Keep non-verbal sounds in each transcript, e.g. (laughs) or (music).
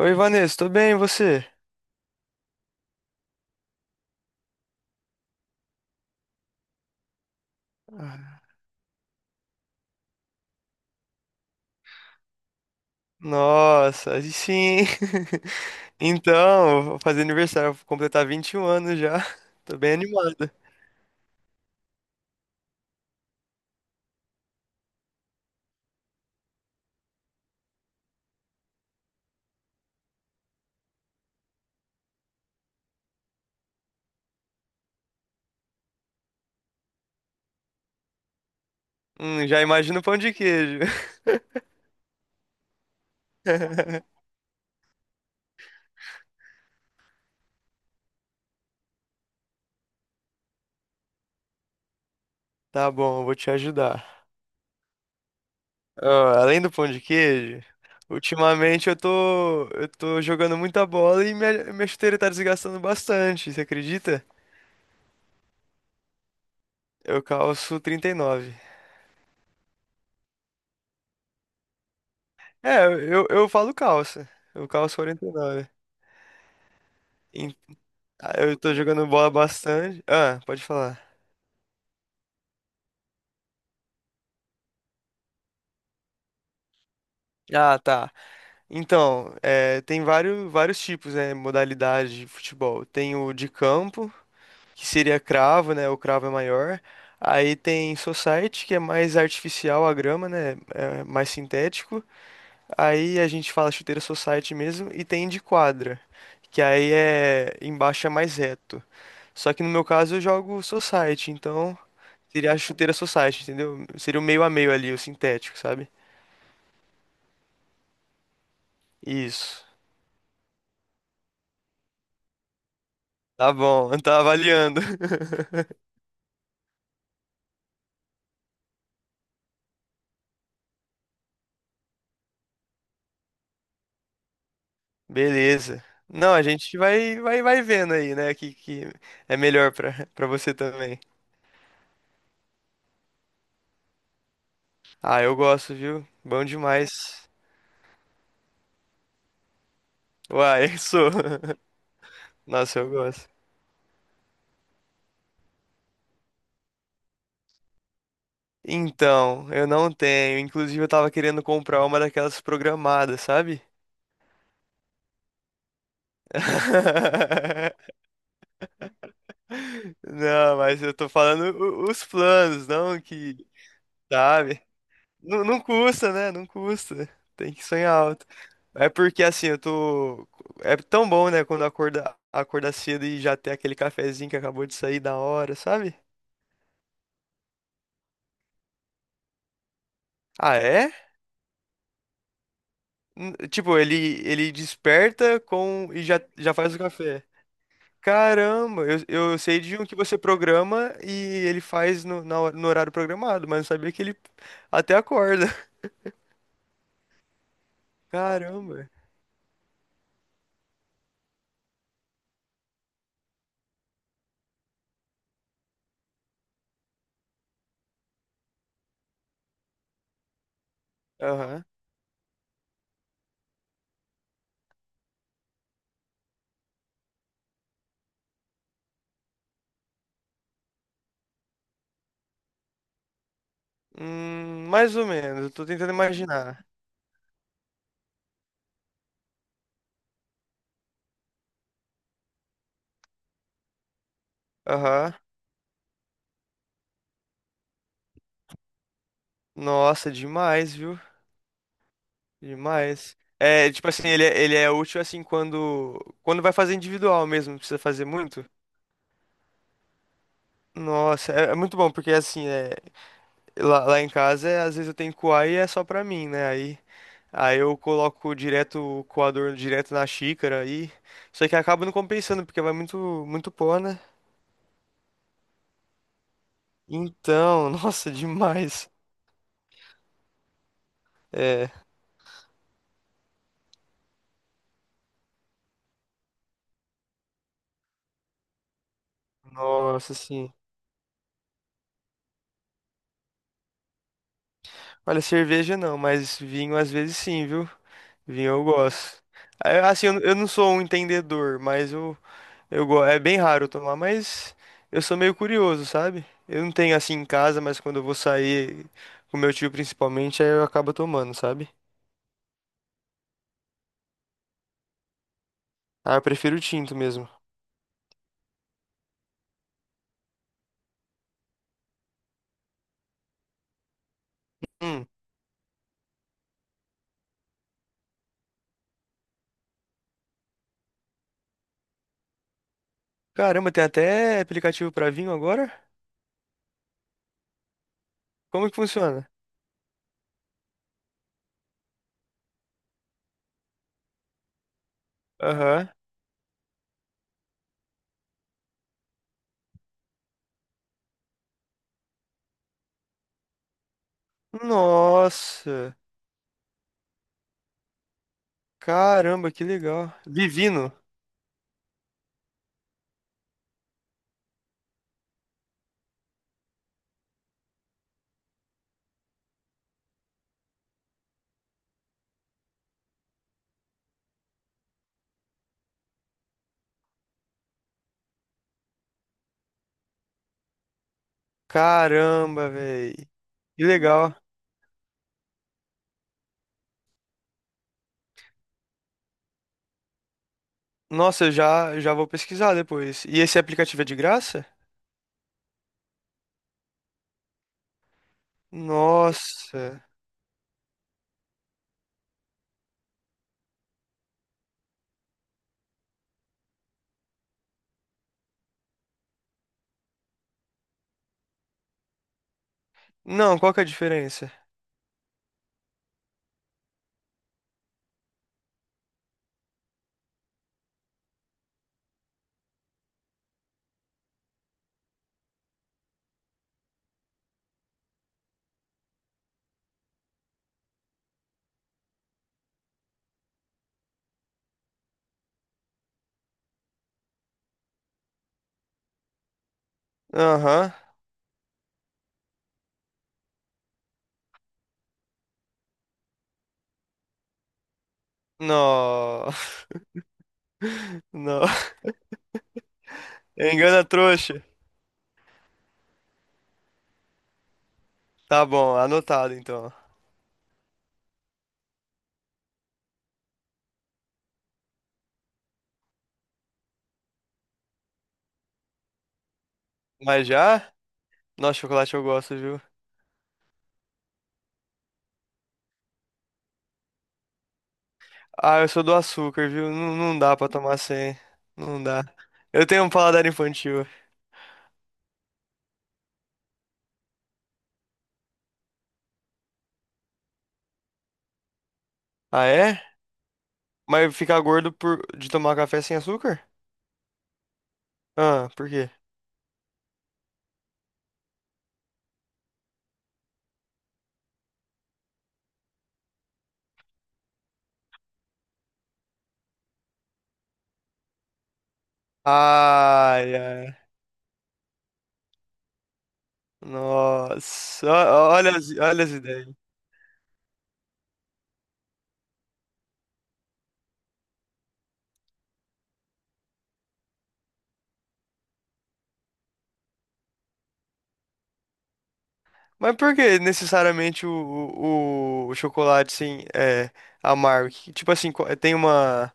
Oi, Vanessa, tô bem, e você? Ah, Nossa, aí sim. (laughs) Então, vou fazer aniversário, vou completar 21 anos já. (laughs) Tô bem animada. Já imagino o pão de queijo. (laughs) Tá bom, eu vou te ajudar. Ó, além do pão de queijo, ultimamente eu tô jogando muita bola e minha chuteira tá desgastando bastante, você acredita? Eu calço 39. É, eu falo calça. Eu calço 49. Ah, eu tô jogando bola bastante. Ah, pode falar. Ah, tá. Então, é, tem vários tipos, né, modalidade de futebol. Tem o de campo, que seria cravo, né? O cravo é maior. Aí tem society, que é mais artificial a grama, né? É mais sintético. Aí a gente fala chuteira society mesmo. E tem de quadra, que aí é embaixo é mais reto. Só que no meu caso eu jogo society, então seria a chuteira society, entendeu? Seria o meio a meio ali, o sintético, sabe? Isso. Tá bom, tá avaliando. (laughs) Beleza. Não, a gente vai vendo aí, né? Que é melhor pra, (laughs) pra você também. Ah, eu gosto, viu? Bom demais. Uai, (laughs) sou. Nossa, eu gosto. Então, eu não tenho. Inclusive, eu tava querendo comprar uma daquelas programadas, sabe? (laughs) Não, mas eu tô falando os planos, não que, sabe? Não, não custa, né? Não custa. Tem que sonhar alto. É porque assim, eu tô. É tão bom, né, quando acorda, acorda cedo e já tem aquele cafezinho que acabou de sair da hora, sabe? Ah, é? Tipo, ele desperta com e já faz o café. Caramba, eu sei de um que você programa e ele faz no horário programado, mas não sabia que ele até acorda. (laughs) Caramba. Aham. Mais ou menos, eu tô tentando imaginar. Aham. Nossa, demais, viu? Demais. É, tipo assim, ele, ele é útil assim quando vai fazer individual mesmo, não precisa fazer muito. Nossa, é, é muito bom, porque assim, é, lá em casa, é, às vezes eu tenho que coar e é só pra mim, né? Aí eu coloco direto o coador direto na xícara aí. Só que acaba não compensando, porque vai muito, muito pó, né? Então, (laughs) nossa, demais. É, nossa, sim. Olha, cerveja não, mas vinho às vezes sim, viu? Vinho eu gosto. É, assim, eu não sou um entendedor, mas eu gosto. É bem raro eu tomar, mas eu sou meio curioso, sabe? Eu não tenho assim em casa, mas quando eu vou sair com meu tio principalmente, aí eu acabo tomando, sabe? Ah, eu prefiro tinto mesmo. Hum. Caramba, tem até aplicativo pra vinho agora? Como que funciona? Aham. Nossa. Caramba, que legal. Vivino. Caramba, velho. Que legal. Nossa, eu já vou pesquisar depois. E esse aplicativo é de graça? Nossa. Não, qual que é a diferença? Aham. Não. (laughs) Não. Engana trouxa. Tá bom, anotado então. Mas já? Nossa, chocolate eu gosto, viu? Ah, eu sou do açúcar, viu? Não, não dá pra tomar sem. Não dá. Eu tenho um paladar infantil. Ah, é? Mas ficar gordo por de tomar café sem açúcar? Ah, por quê? Ai, ai. Nossa, olha as ideias. Mas por que necessariamente o chocolate, assim, é amargo? Tipo assim, tem uma,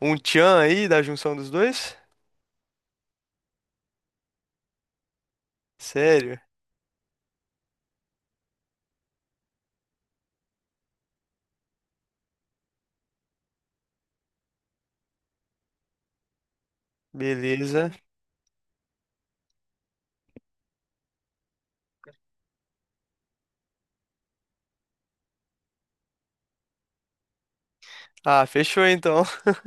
um tchan aí da junção dos dois? Sério? Beleza. Ah, fechou então. (laughs)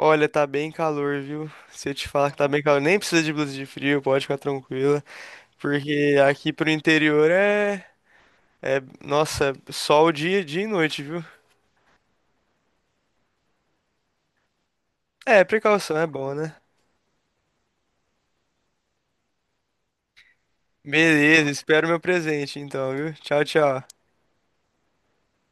Olha, tá bem calor, viu? Se eu te falar que tá bem calor, nem precisa de blusa de frio, pode ficar tranquila. Porque aqui pro interior é, é, nossa, sol dia, dia e noite, viu? É, precaução é bom, né? Beleza, espero meu presente então, viu? Tchau, tchau.